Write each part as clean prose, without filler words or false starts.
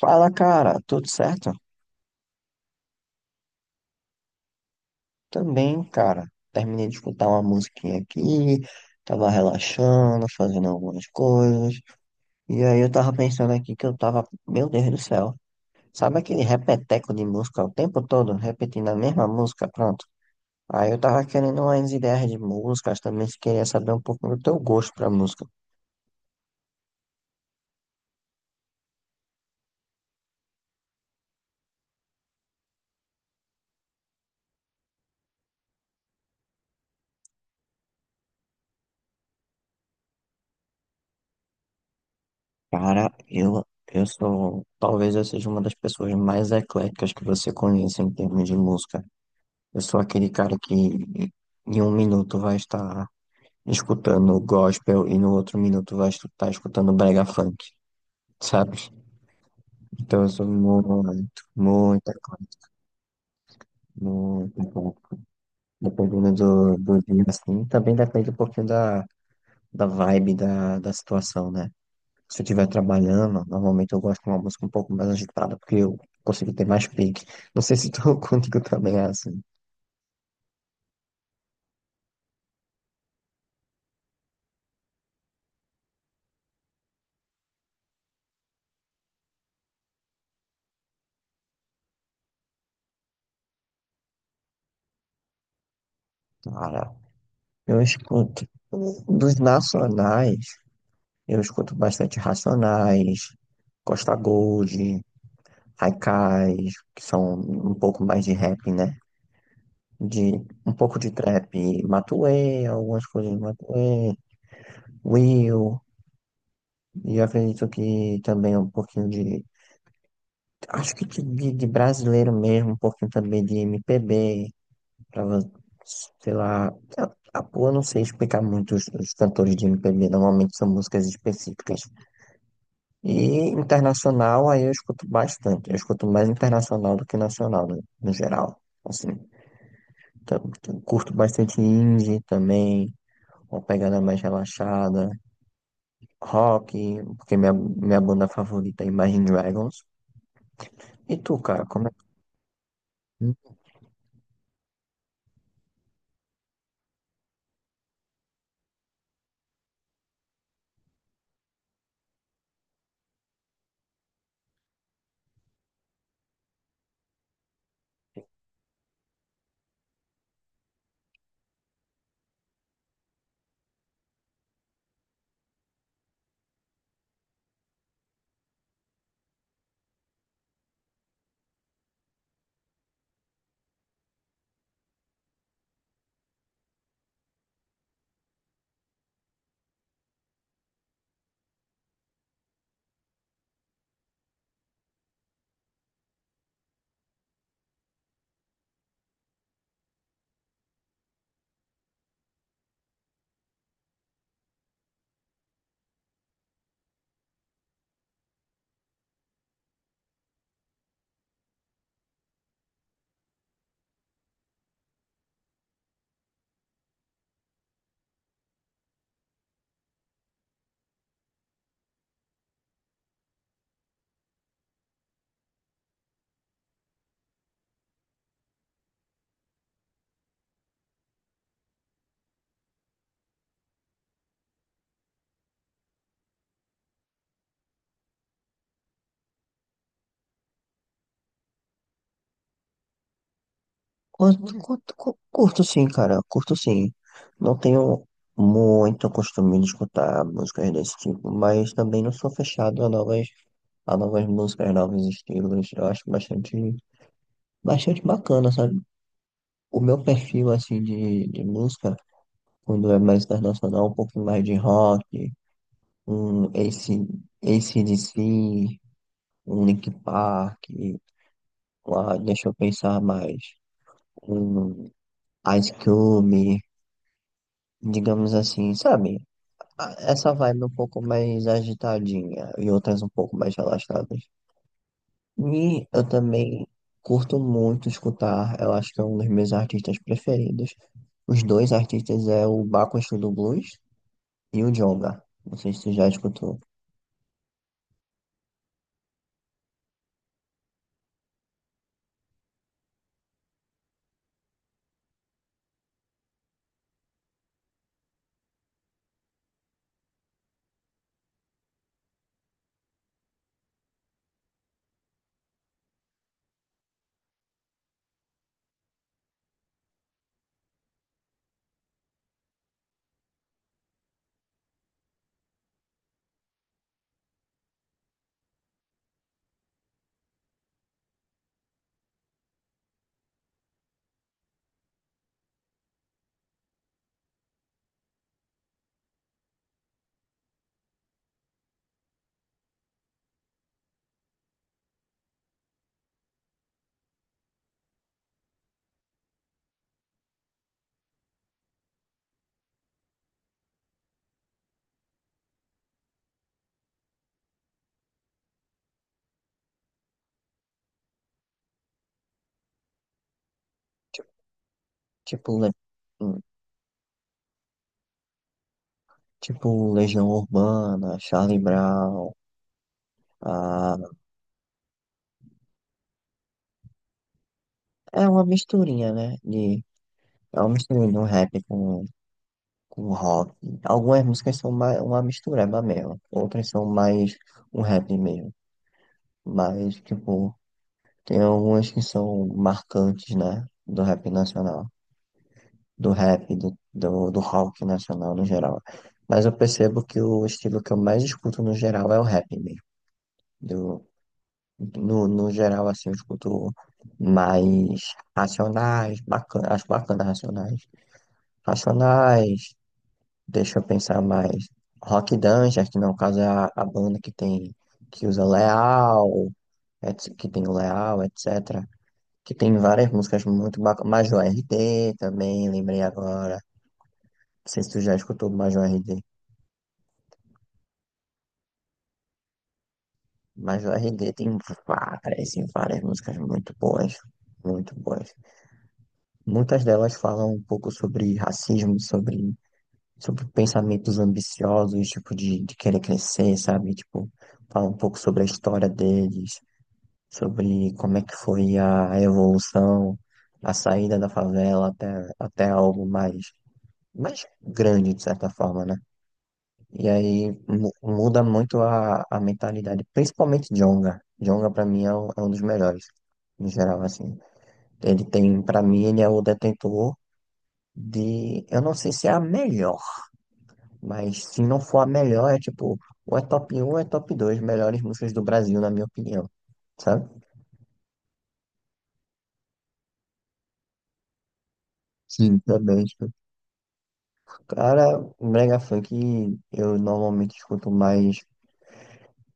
Fala, cara, tudo certo? Também, cara. Terminei de escutar uma musiquinha aqui, tava relaxando, fazendo algumas coisas. E aí eu tava pensando aqui que eu tava, meu Deus do céu. Sabe aquele repeteco de música o tempo todo, repetindo a mesma música, pronto. Aí eu tava querendo umas ideias de músicas, também se queria saber um pouco do teu gosto pra música. Cara, eu sou, talvez eu seja uma das pessoas mais ecléticas que você conhece em termos de música. Eu sou aquele cara que em um minuto vai estar escutando gospel e no outro minuto vai estar escutando brega funk, sabe? Então eu sou muito, muita coisa, muito bom. Dependendo do dia, assim, também depende um pouquinho da vibe da situação, né? Se eu estiver trabalhando, normalmente eu gosto de uma música um pouco mais agitada, porque eu consigo ter mais pique. Não sei se tu contigo também é assim. Cara, eu escuto dos nacionais. Eu escuto bastante Racionais, Costa Gold, Haikais, que são um pouco mais de rap, né? De um pouco de trap, Matuê, algumas coisas de Matuê, Will, e acredito que também um pouquinho acho que de brasileiro mesmo, um pouquinho também de MPB, pra, vo- sei lá, eu, eu não sei explicar muito os cantores de MPB, normalmente são músicas específicas. E internacional, aí eu escuto bastante. Eu escuto mais internacional do que nacional, no geral. Assim, curto bastante indie também, uma pegada mais relaxada, rock, porque minha banda favorita é Imagine Dragons. E tu, cara, como é que... curto sim, cara, curto sim. Não tenho muito costume de escutar músicas desse tipo, mas também não sou fechado a novas músicas, novos estilos. Eu acho bastante. Bastante bacana, sabe? O meu perfil, assim, de música, quando é mais internacional, um pouquinho mais de rock, um AC/DC, um Linkin Park, uma, deixa eu pensar mais, um Ice Cube, digamos assim, sabe? Essa vibe um pouco mais agitadinha e outras um pouco mais relaxadas. E eu também curto muito escutar, eu acho que é um dos meus artistas preferidos. Os dois artistas é o Baco Exu do Blues e o Djonga. Não sei se tu já escutou. Ti- Tipo, Le- hum, tipo Legião Urbana, Charlie Brown. ah, É uma misturinha, né? De, é uma misturinha de um rap com rock. Algumas músicas são mais, uma mistureba mesmo. Outras são mais um rap mesmo. Mas, tipo. Tem algumas que são marcantes, né? Do rap nacional, do rock nacional no geral. Mas eu percebo que o estilo que eu mais escuto no geral é o rap mesmo. Do, no geral, assim, eu escuto mais racionais, bacana, acho bacana racionais. Racionais, deixa eu pensar mais. Rock Dungeon, que no caso é a banda que tem, que usa Leal, que tem o Leal, etc. Que tem várias músicas muito bacanas. Major R D também, lembrei agora. Não sei se tu já escutou Major R D, Major R D tem várias e várias músicas muito boas, muito boas. Muitas delas falam um pouco sobre racismo, sobre, sobre pensamentos ambiciosos, tipo, de querer crescer, sabe? Tipo, fala um pouco sobre a história deles, sobre como é que foi a evolução, a saída da favela até, até algo mais mais grande, de certa forma, né? E aí muda muito a mentalidade, principalmente Djonga. Djonga pra mim é é um dos melhores, em geral, assim. Ele tem, pra mim, ele é o detentor de, eu não sei se é a melhor, mas se não for a melhor, é tipo, ou é top um ou é top 2 melhores músicas do Brasil, na minha opinião, sabe? Sim. Também, tipo, cara, brega funk eu normalmente escuto mais,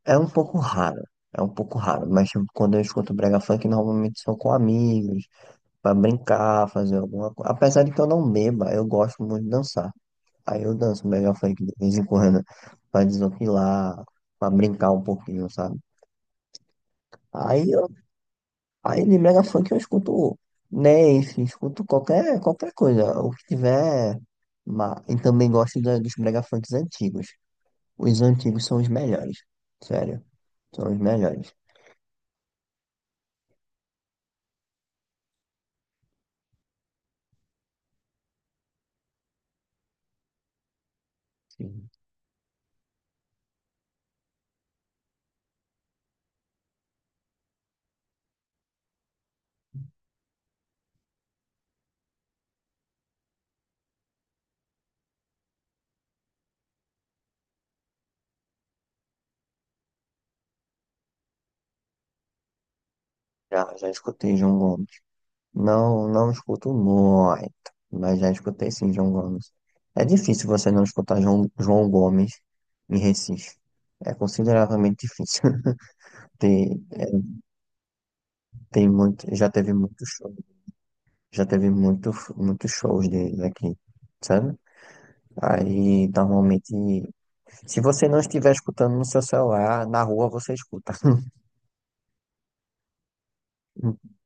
é um pouco raro. É um pouco raro, mas tipo, quando eu escuto brega funk, normalmente são com amigos, pra brincar, fazer alguma coisa. Apesar de que eu não beba, eu gosto muito de dançar. Aí eu danço melhor funk de vez em quando, pra desopilar, pra brincar um pouquinho, sabe? Aí, eu, aí de mega funk eu escuto Nef, escuto qualquer, qualquer coisa, o que tiver. E também gosto dos mega funks antigos. Os antigos são os melhores, sério, são os melhores. Sim. Já, já escutei João Gomes. Não, não escuto muito, mas já escutei sim, João Gomes. É difícil você não escutar João, João Gomes em Recife. É consideravelmente difícil. Tem, é, tem muito, já teve muito show, já teve muito, muitos shows dele aqui, sabe? Aí, normalmente, se você não estiver escutando no seu celular, na rua você escuta.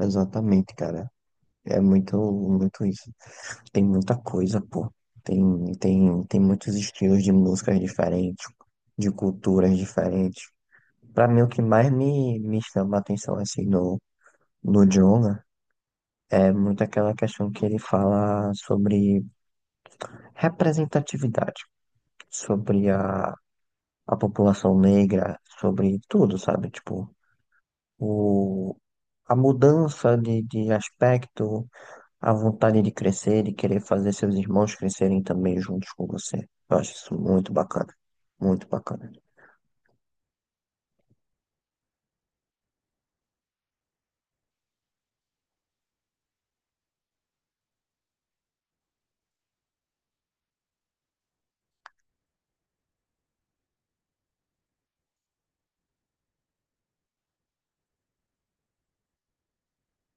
Exatamente, cara. É muito, muito isso. Tem muita coisa, pô. Tem, tem muitos estilos de músicas diferentes, de culturas diferentes. Pra mim, o que mais me chama a atenção, assim, no Djonga é muito aquela questão que ele fala sobre representatividade, sobre a população negra, sobre tudo, sabe? Tipo, o, a mudança de aspecto. A vontade de crescer e querer fazer seus irmãos crescerem também juntos com você. Eu acho isso muito bacana. Muito bacana.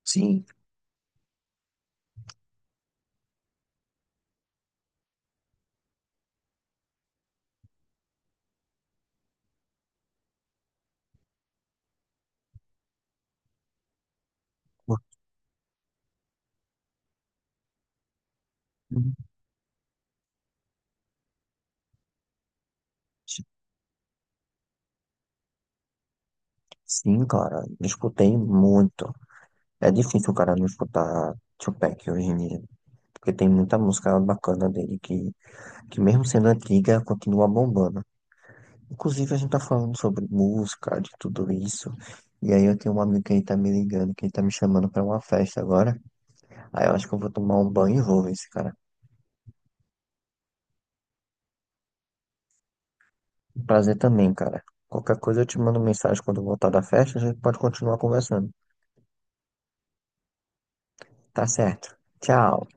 Sim, sim, cara. Escutei muito. É difícil o cara não escutar Tupac hoje em dia. Porque tem muita música bacana dele que mesmo sendo antiga, continua bombando. Inclusive, a gente tá falando sobre música, de tudo isso. E aí eu tenho um amigo que ele tá me ligando, que ele tá me chamando pra uma festa agora. Aí eu acho que eu vou tomar um banho e vou ver esse cara. Prazer também, cara. Qualquer coisa eu te mando mensagem quando eu voltar da festa, a gente pode continuar conversando. Tá certo. Tchau.